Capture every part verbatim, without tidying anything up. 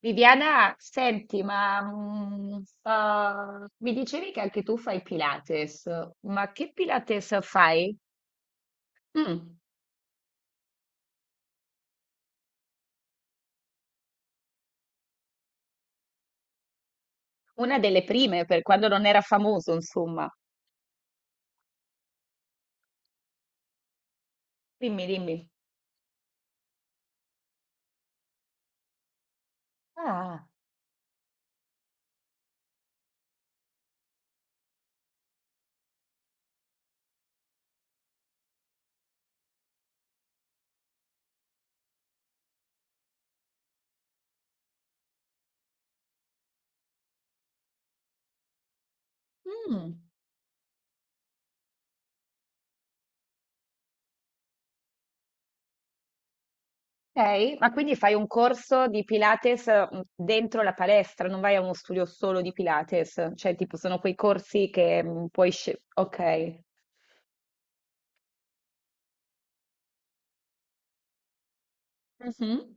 Viviana, senti, ma mm, eh, mi dicevi che anche tu fai Pilates, ma che Pilates fai? Mm, una delle prime, per quando non era famoso, insomma. Dimmi, dimmi. Ah, mm, ok, ma quindi fai un corso di Pilates eh, m, dentro la palestra, non vai a uno studio solo di Pilates, cioè tipo sono quei corsi che mm, puoi scegliere. Ok. Mhm.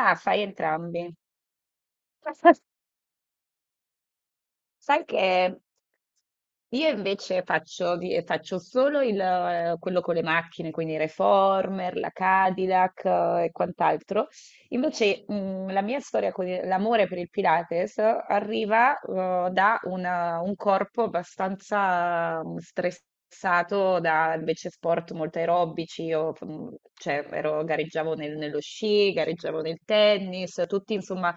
Ah, fai entrambi. Sai che io invece faccio, di- faccio solo il, eh, quello con le macchine, quindi Reformer, la Cadillac, eh, e quant'altro. Invece, mh, la mia storia con il- l'amore per il Pilates arriva, eh, da una- un corpo abbastanza mh, stressato da invece sport molto aerobici. Io, mh, cioè, ero- gareggiavo nel- nello sci, gareggiavo nel tennis, tutti insomma.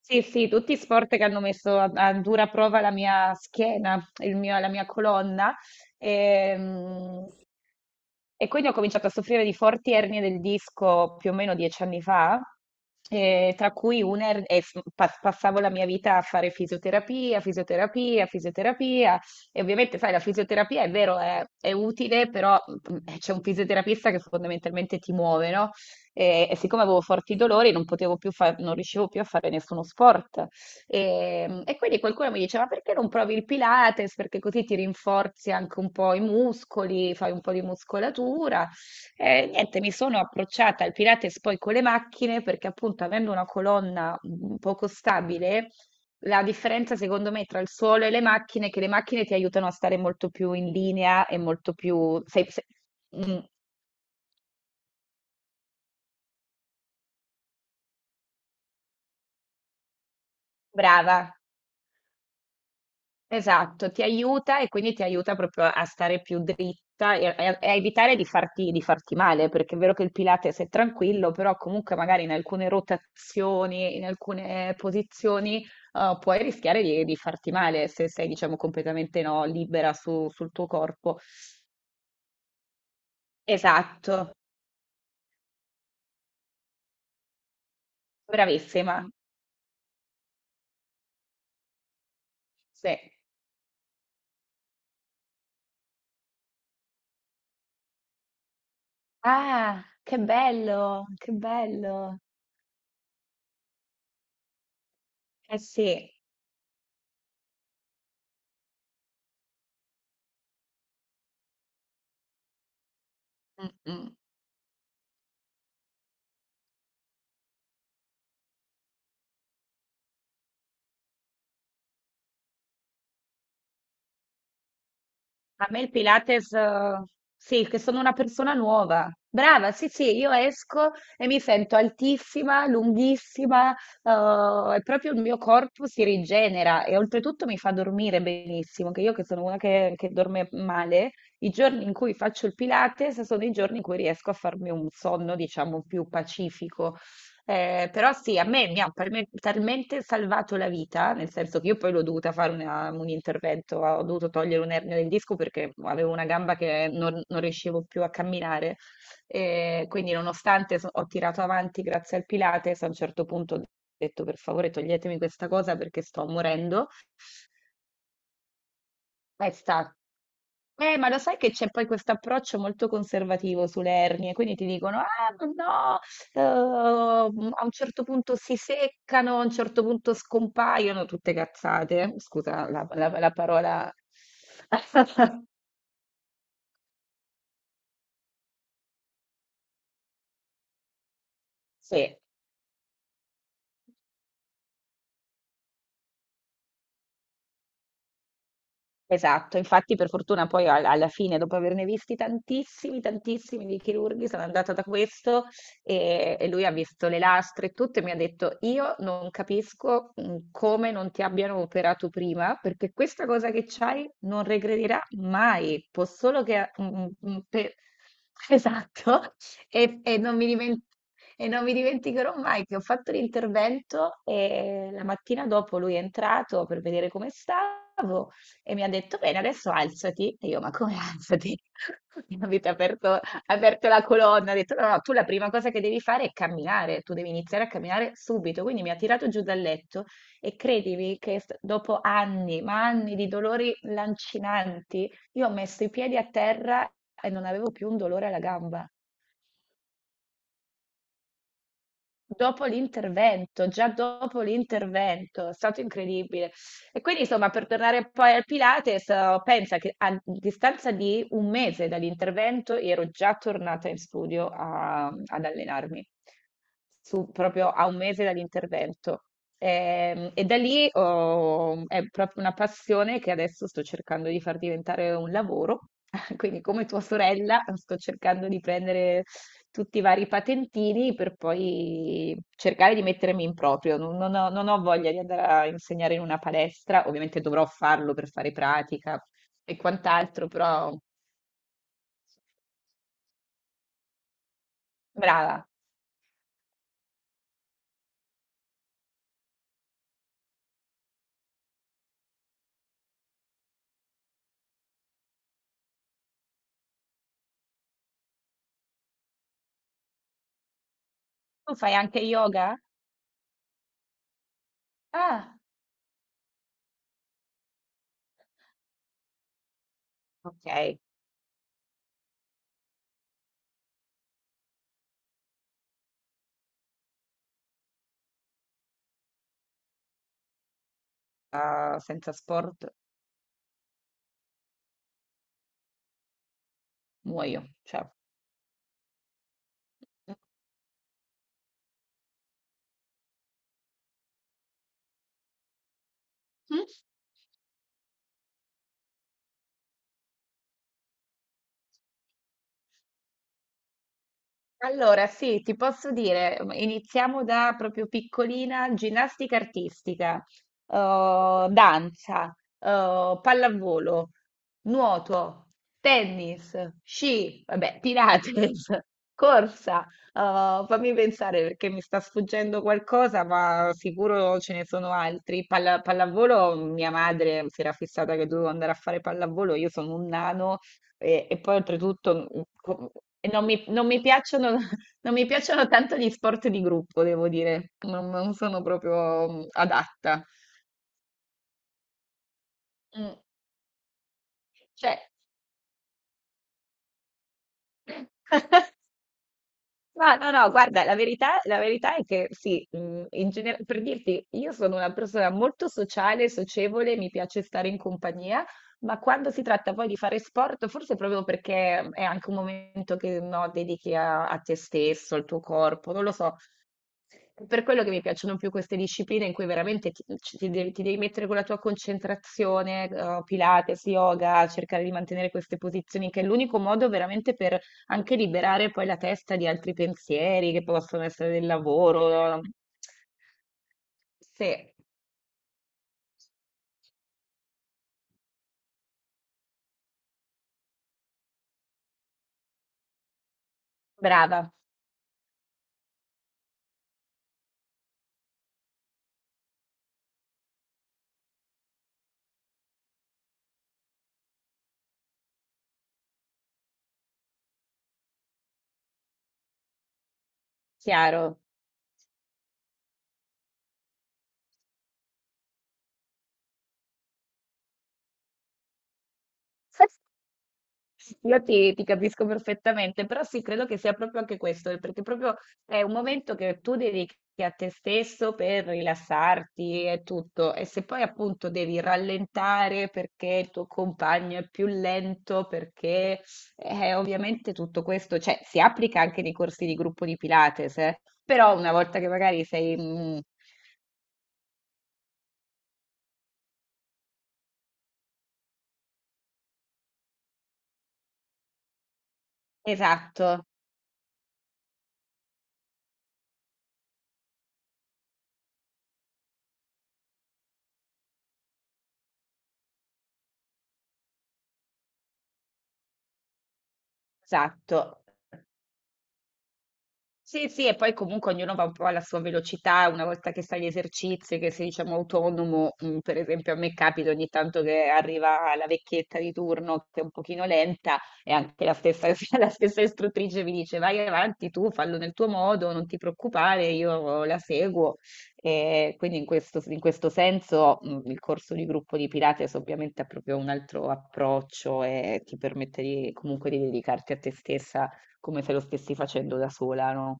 Sì, sì, tutti sport che hanno messo a, a dura prova la mia schiena, il mio- la mia colonna. E, mm, e quindi ho cominciato a soffrire di forti ernie del disco più o meno dieci anni fa, eh, tra cui una er- e f- pa- passavo la mia vita a fare fisioterapia, fisioterapia, fisioterapia. E ovviamente, sai, la fisioterapia è vero, è, è utile, però mm, eh, c'è un fisioterapista che fondamentalmente ti muove, no? E, e siccome avevo forti dolori, non potevo più fa- non riuscivo più a fare nessuno sport. E, e quindi qualcuno mi diceva: perché non provi il Pilates? Perché così ti rinforzi anche un po' i muscoli, fai un po' di muscolatura. E niente, mi sono approcciata al Pilates poi con le macchine, perché appunto avendo una colonna mm, poco stabile, la differenza secondo me tra il suolo e le macchine è che le macchine ti aiutano a stare molto più in linea e molto più. sei- sei- mm, Brava. Esatto, ti aiuta e quindi ti aiuta proprio a stare più dritta e e a, e a evitare di farti, di farti male, perché è vero che il Pilates è tranquillo, però comunque magari in alcune rotazioni, in alcune posizioni, eh, puoi rischiare di, di farti male se sei, diciamo, completamente no, libera su- sul tuo corpo. Esatto, bravissima. Sì. Ah, che bello, che bello. Eh sì. Mm, mm. A me il Pilates, eh, sì, che sono una persona nuova. Brava, sì, sì, io esco e mi sento altissima, lunghissima, eh, e proprio il mio corpo si rigenera e oltretutto mi fa dormire benissimo, che io che sono una che, che dorme male, i giorni in cui faccio il Pilates sono i giorni in cui riesco a farmi un sonno, diciamo, più pacifico. Eh, però sì, a me mi ha parme- talmente salvato la vita, nel senso che io poi l'ho dovuta fare una- un intervento, ho dovuto togliere un ernio del disco perché avevo una gamba che non, non riuscivo più a camminare. E quindi, nonostante so- ho tirato avanti grazie al Pilates, a un certo punto ho detto per favore toglietemi questa cosa perché sto morendo. È stato eh, ma lo sai che c'è poi questo approccio molto conservativo sulle ernie, quindi ti dicono, ah, ma no, eh, a un certo punto si seccano, a un certo punto scompaiono, tutte cazzate. Scusa la, la- la parola. Sì. Esatto, infatti per fortuna poi al- alla fine, dopo averne visti tantissimi, tantissimi di chirurghi, sono andata da questo e, e lui ha visto le lastre e tutto e mi ha detto io non capisco mm, come non ti abbiano operato prima perché questa cosa che c'hai non regredirà mai, può solo che mm, mm, per-" Esatto, e, e non mi dimen- e non mi dimenticherò mai che ho fatto l'intervento e la mattina dopo lui è entrato per vedere come stava e mi ha detto, bene, adesso alzati. E io, ma come alzati? Mi avete aperto, aperto la colonna, ha detto, no, no, tu la prima cosa che devi fare è camminare, tu devi iniziare a camminare subito. Quindi mi ha tirato giù dal letto e credimi che st- dopo anni, ma anni di dolori lancinanti, io ho messo i piedi a terra e non avevo più un dolore alla gamba. Dopo l'intervento, già dopo l'intervento, è stato incredibile. E quindi, insomma, per tornare poi al Pilates, eh, pensa che a distanza di un mese dall'intervento ero già tornata in studio a- ad allenarmi, su- proprio a un mese dall'intervento. Ehm, E, da lì ho- è proprio una passione che adesso sto cercando di far diventare un lavoro. Quindi, come tua sorella, sto cercando di prendere tutti i vari patentini per poi cercare di mettermi in proprio. Non, non ho, non ho voglia di andare a insegnare in una palestra, ovviamente dovrò farlo per fare pratica e quant'altro, però brava. Tu fai anche yoga? Ah, ok. Ah, senza sport. Muoio. Cioè. Mhm. Allora, sì, ti posso dire, uhm, iniziamo da proprio piccolina, ginnastica artistica, eh, danza, eh, pallavolo, nuoto, tennis, sci, vabbè, Pilates, corsa. Eh, fammi pensare perché mi sta sfuggendo qualcosa, ma sicuro ce ne sono altri. Palla- pallavolo, mia madre si era fissata che dovevo andare a fare pallavolo, io sono un nano. E, e poi oltretutto mm, co- e non mi, non mi piacciono, non mi piacciono tanto gli sport di gruppo, devo dire, non, non sono proprio mm, adatta. Mm, Cioè, no, no, no, guarda, la verità, la verità è che sì, mm, in genere- per dirti, io sono una persona molto sociale, socievole, mi piace stare in compagnia, ma quando si tratta poi di fare sport, forse proprio perché è anche un momento che no, dedichi a a te stesso, al tuo corpo, non lo so. È per quello che mi piacciono più queste discipline in cui veramente ti, ci- ti devi, ti devi mettere con la tua concentrazione, eh, Pilates, yoga, cercare di mantenere queste posizioni, che è l'unico modo veramente per anche liberare poi la testa di altri pensieri che possono essere del lavoro. Sì, brava, chiaro. Io ti, ti capisco perfettamente, però sì, credo che sia proprio anche questo, eh, perché proprio è un momento che tu dedichi a te stesso per rilassarti e tutto, e se poi appunto devi rallentare perché il tuo compagno è più lento, perché eh, ovviamente tutto questo, cioè, si applica anche nei corsi di gruppo di Pilates, eh, però una volta che magari sei... mm, esatto, esatto. Sì, sì, e poi comunque ognuno va un po' alla sua velocità, una volta che sai gli esercizi, che sei diciamo autonomo, mm, per esempio a me capita ogni tanto che arriva la vecchietta di turno che è un pochino lenta e anche la stessa, la stessa istruttrice mi dice vai avanti tu, fallo nel tuo modo, non ti preoccupare, io la seguo. E quindi in questo, in questo senso mm, il corso di gruppo di Pilates ovviamente ha proprio un altro approccio e ti permette di- comunque di dedicarti a te stessa come se lo stessi facendo da sola, no?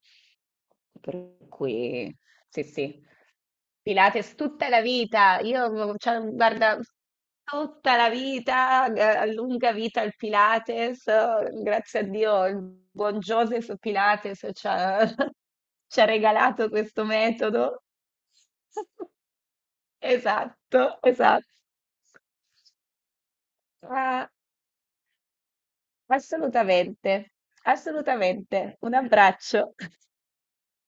Per cui sì, sì. Pilates tutta la vita, io, cioè, guarda, tutta la vita, eh, lunga vita al Pilates, eh, grazie a Dio, il buon Joseph Pilates ci ha, ci ha regalato questo metodo. Esatto, esatto. Ah, assolutamente, assolutamente. Un abbraccio.